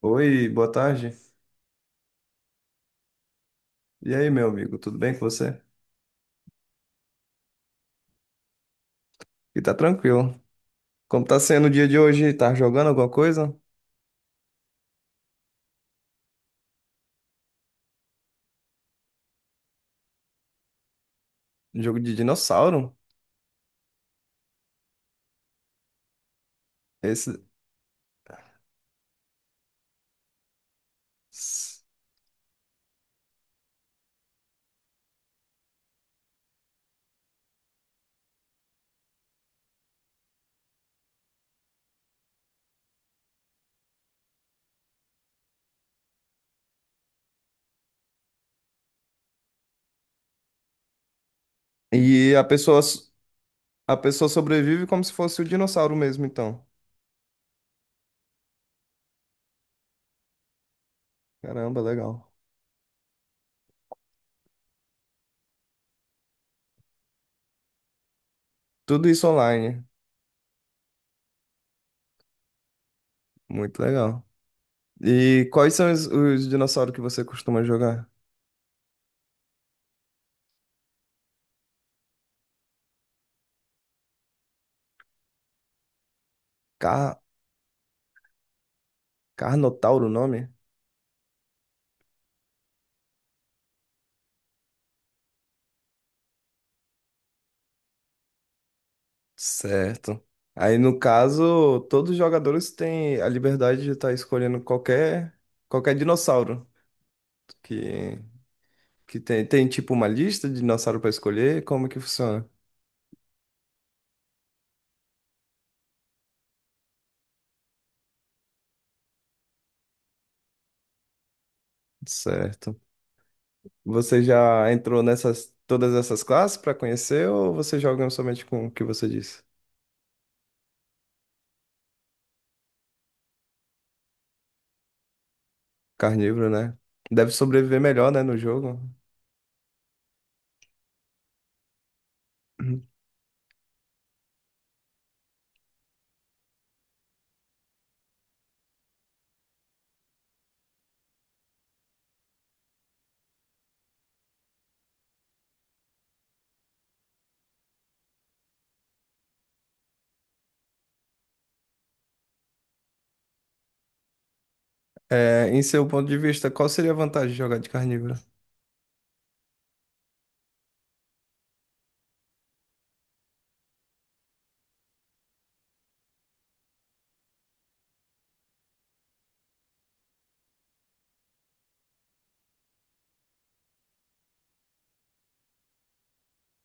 Oi, boa tarde. E aí, meu amigo, tudo bem com você? E tá tranquilo. Como tá sendo o dia de hoje? Tá jogando alguma coisa? Jogo de dinossauro? Esse... E a pessoa sobrevive como se fosse o dinossauro mesmo, então. Caramba, legal. Tudo isso online. Muito legal. E quais são os dinossauros que você costuma jogar? Car... Carnotauro o nome? Certo. Aí, no caso, todos os jogadores têm a liberdade de estar escolhendo qualquer dinossauro que, que tem. Tem, tipo, uma lista de dinossauro para escolher? Como que funciona? Certo. Você já entrou nessas, todas essas classes para conhecer ou você joga somente com o que você disse? Carnívoro, né? Deve sobreviver melhor, né, no jogo. Uhum. É, em seu ponto de vista, qual seria a vantagem de jogar de carnívoro?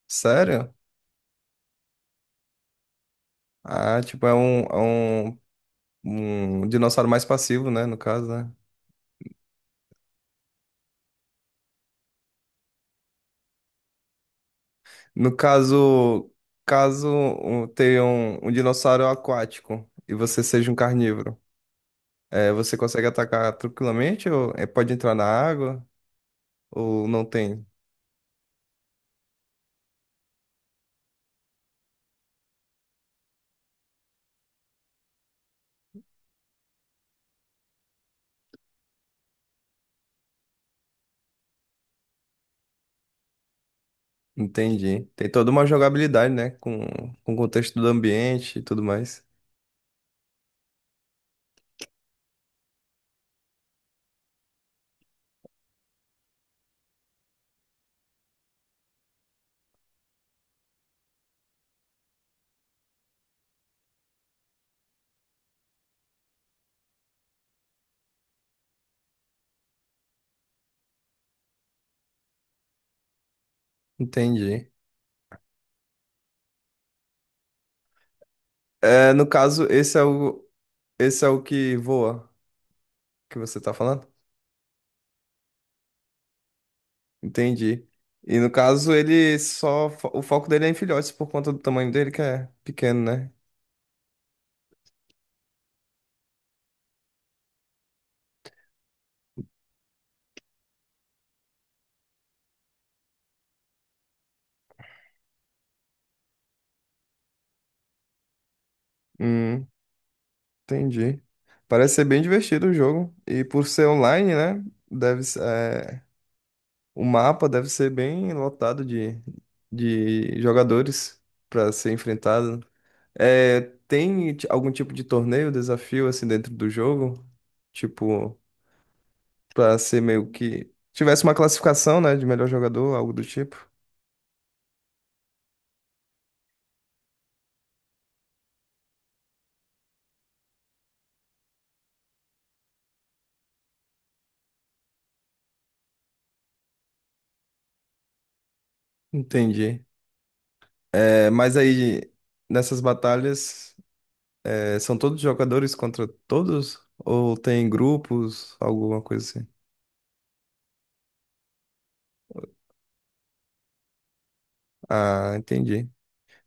Sério? Ah, tipo, é um um dinossauro mais passivo, né? No caso, né? No caso, tenha um, um dinossauro aquático e você seja um carnívoro, é, você consegue atacar tranquilamente ou é, pode entrar na água ou não tem? Entendi. Tem toda uma jogabilidade, né? Com o contexto do ambiente e tudo mais. Entendi. É, no caso, esse é o que voa que você tá falando? Entendi. E no caso, O foco dele é em filhotes por conta do tamanho dele, que é pequeno, né? Hum, entendi. Parece ser bem divertido o jogo. E por ser online, né? Deve, o mapa deve ser bem lotado de jogadores para ser enfrentado. É, tem algum tipo de torneio, desafio assim dentro do jogo? Tipo, para ser meio que. Tivesse uma classificação, né? De melhor jogador, algo do tipo. Entendi. É, mas aí, nessas batalhas, é, são todos jogadores contra todos? Ou tem grupos, alguma coisa assim? Ah, entendi.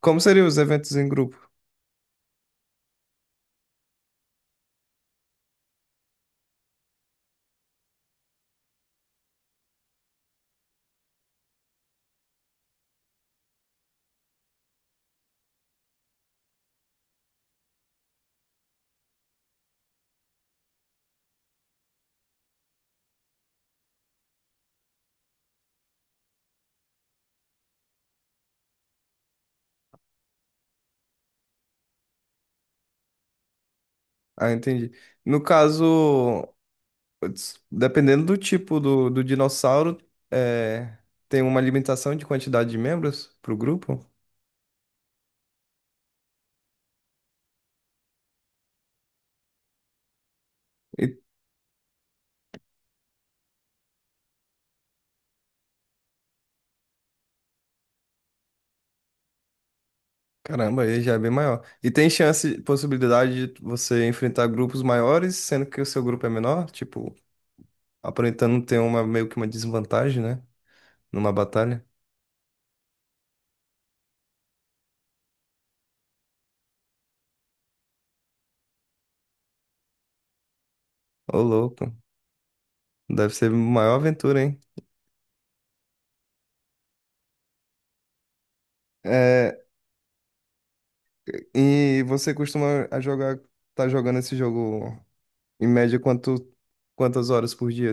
Como seriam os eventos em grupo? Ah, entendi. No caso, putz, dependendo do tipo do dinossauro, é, tem uma limitação de quantidade de membros para o grupo? E, caramba, aí já é bem maior. E tem chance, possibilidade de você enfrentar grupos maiores, sendo que o seu grupo é menor? Tipo, aparentando ter uma meio que uma desvantagem, né? Numa batalha? Ô, louco. Deve ser a maior aventura, hein? É, e você costuma a jogar, tá jogando esse jogo em média quanto, quantas horas por dia?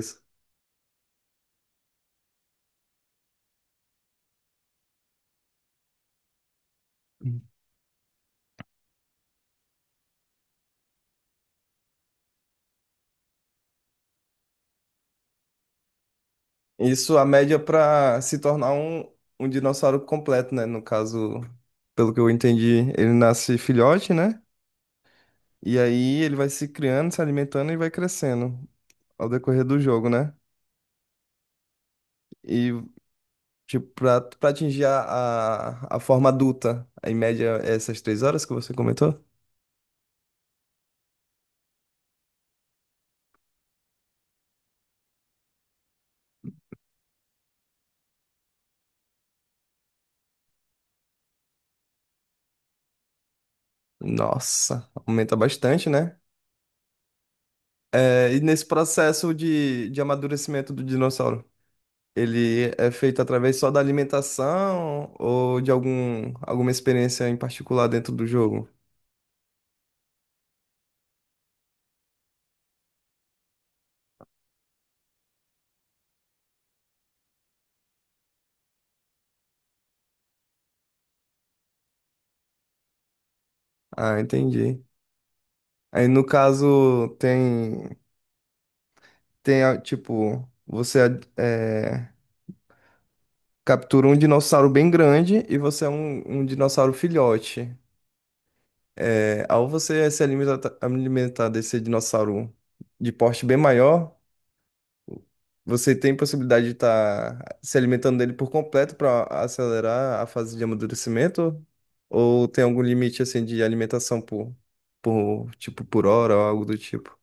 Isso, a média para se tornar um dinossauro completo, né? No caso, pelo que eu entendi, ele nasce filhote, né? E aí ele vai se criando, se alimentando e vai crescendo ao decorrer do jogo, né? E tipo, pra atingir a forma adulta, em média, essas 3 horas que você comentou? Nossa, aumenta bastante, né? É, e nesse processo de amadurecimento do dinossauro, ele é feito através só da alimentação ou de algum, alguma experiência em particular dentro do jogo? Ah, entendi. Aí no caso, tem, tem ah, tipo, você é, captura um dinossauro bem grande e você é um dinossauro filhote. É, ao você se alimenta- alimentar desse dinossauro de porte bem maior, você tem possibilidade de estar se alimentando dele por completo para acelerar a fase de amadurecimento? Ou tem algum limite assim de alimentação por tipo por hora ou algo do tipo?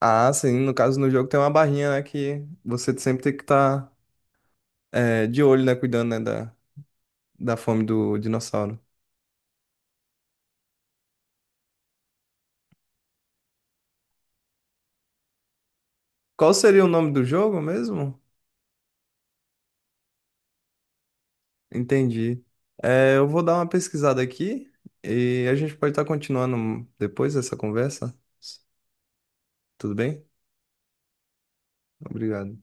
Ah, sim, no caso no jogo tem uma barrinha, né, que você sempre tem que estar de olho, né, cuidando, né, da, da fome do dinossauro. Qual seria o nome do jogo mesmo? Entendi. É, eu vou dar uma pesquisada aqui e a gente pode estar continuando depois dessa conversa. Tudo bem? Obrigado.